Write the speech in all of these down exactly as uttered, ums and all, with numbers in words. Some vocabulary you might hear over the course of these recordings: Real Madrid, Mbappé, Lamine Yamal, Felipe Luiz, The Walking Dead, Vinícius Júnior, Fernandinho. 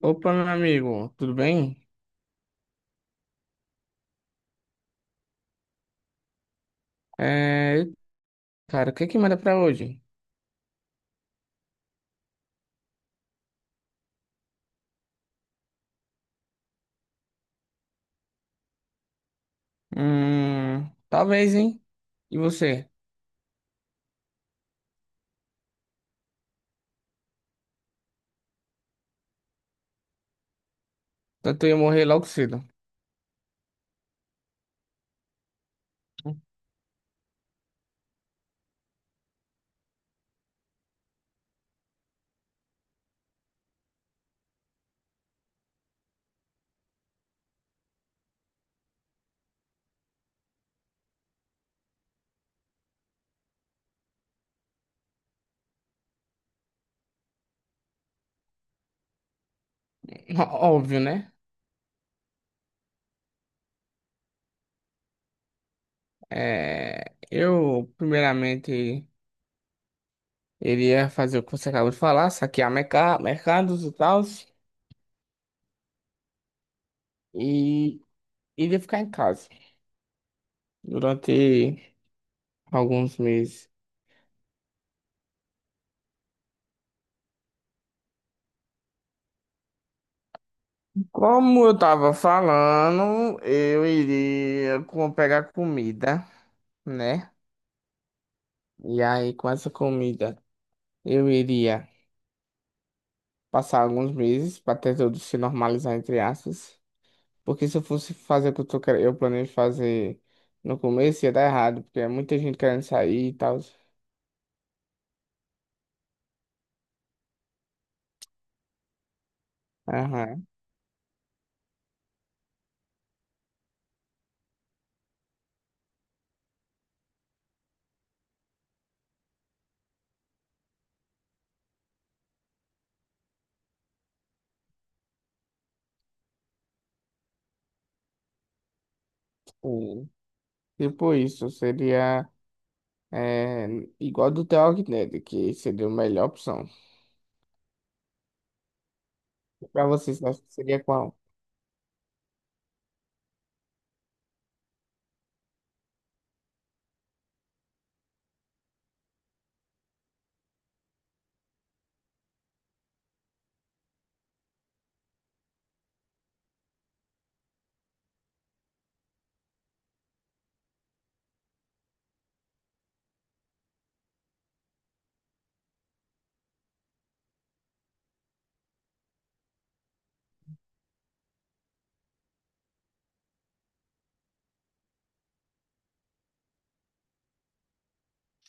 Opa, meu amigo, tudo bem? É, cara, o que é que manda pra hoje? Hum, talvez, hein? E você? Tanto eu ia morrer logo cedo. Ó- Óbvio, né? É, eu, primeiramente, iria fazer o que você acabou de falar, saquear merca- mercados e tal, e iria ficar em casa durante alguns meses. Como eu tava falando, eu iria com- pegar comida, né? E aí, com essa comida, eu iria passar alguns meses para até tudo se normalizar, entre aspas. Porque se eu fosse fazer o que eu, tô, quer- eu planejo fazer no começo, ia dar errado, porque é muita gente querendo sair e tal. Aham. Sim. Tipo isso, seria é, igual do The Walking Dead, que seria a melhor opção. Para vocês, acho que seria qual?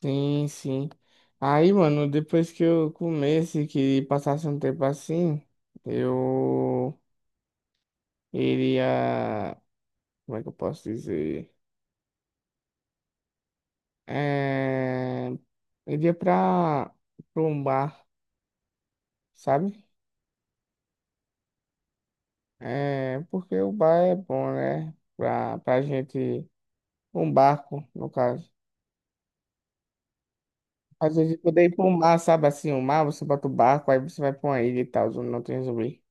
Sim, sim. Aí, mano, depois que eu comesse, que passasse um tempo assim, eu iria. Como é que eu posso dizer? É, iria pra, pra um bar, sabe? É, porque o bar é bom, né? Pra, pra gente. Um barco, no caso. Às vezes poder ir pra um mar, sabe? Assim, um mar, você bota o barco, aí você vai pra uma ilha e tal, onde não tem zumbi.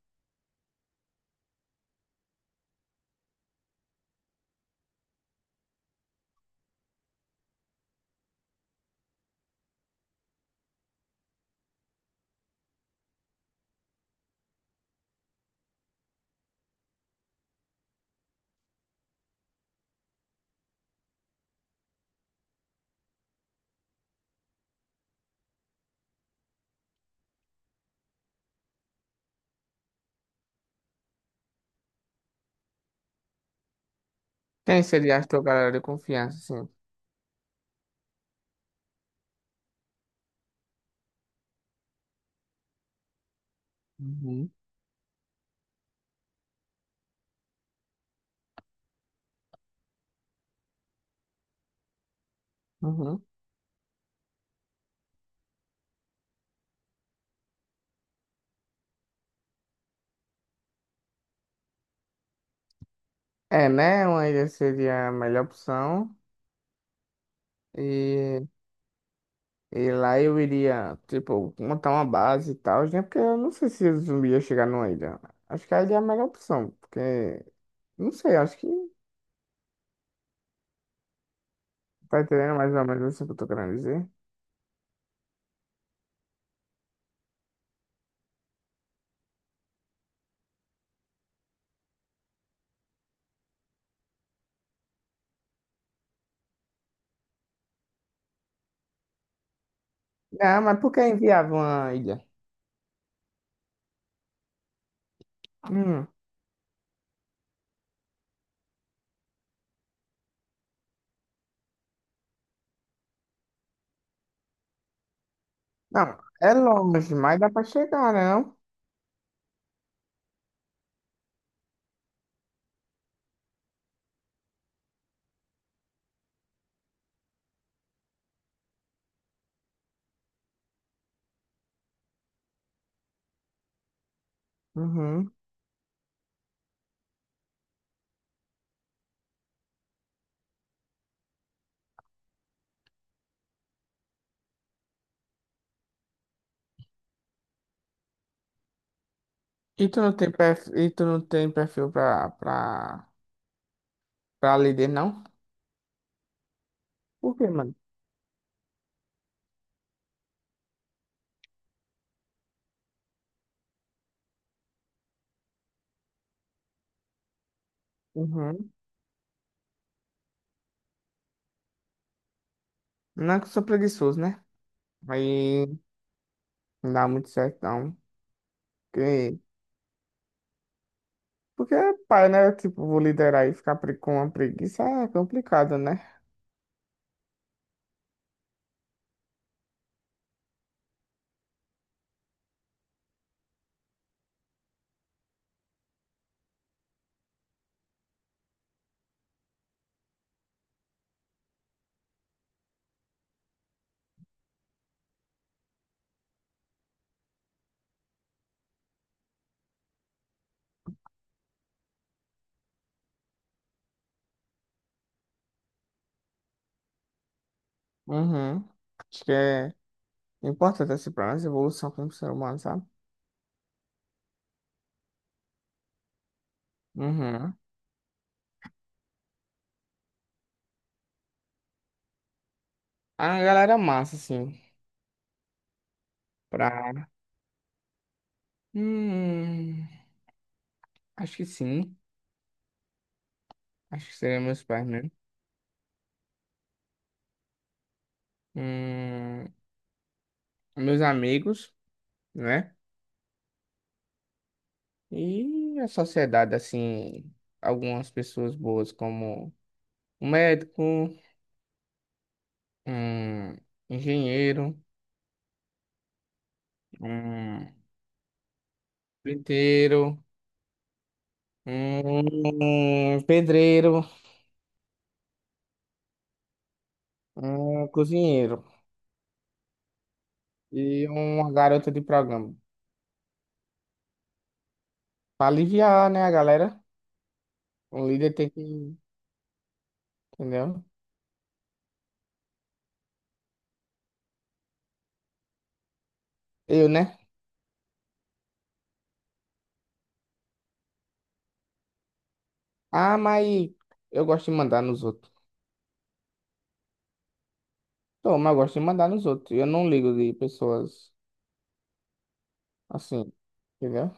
Quem seria a tua galera de confiança, assim? Uhum. Uhum. É, né? Uma ilha seria a melhor opção. E E lá eu iria, tipo, montar uma base e tal, né? Porque eu não sei se o zumbi ia chegar numa ilha. Acho que a ilha é a melhor opção, porque, não sei, acho que tá entendendo mais ou menos isso que eu tô querendo dizer. Não, mas por que enviava uma ilha? Hum. Não, é longe, mas dá pra chegar, né? Não? Uhum. E tu não tem perfil, e tu não tem perfil pra, pra, pra líder, não? Por quê, mano? Uhum. Não é que eu sou preguiçoso, né? Aí não dá muito certo, não. Porque, é pai, né? Tipo, vou liderar e ficar pre- com uma preguiça é complicado, né? Uhum. Acho que é importante, assim, pra nossa evolução como ser humano, sabe? Uhum. A galera massa, assim, pra... Hum, acho que sim. Acho que seriam meus pais mesmo. Hum, meus amigos, né? E a sociedade, assim, algumas pessoas boas como um médico, um engenheiro, um pinteiro, um pedreiro, um cozinheiro e uma garota de programa. Pra aliviar, né, a galera? Um líder tem que. Entendeu? Eu, né? Ah, mas eu gosto de mandar nos outros. Tô, mas eu gosto de mandar nos outros. Eu não ligo de pessoas assim, entendeu?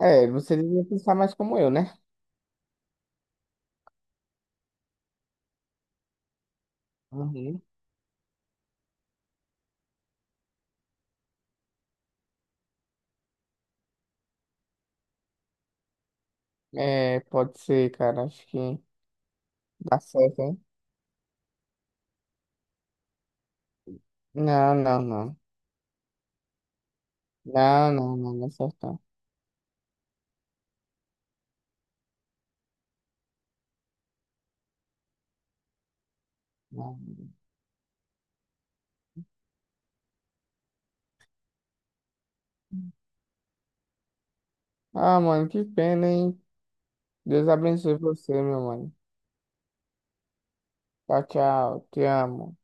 É, você devia pensar mais como eu, né? Uhum. É, pode ser, cara. Acho que dá certo, hein? Não, não, não. Não, não, não, não é certo. Não. Não. Ah, mano, que pena, hein? Deus abençoe você, meu mano. Tchau, tchau. Te amo.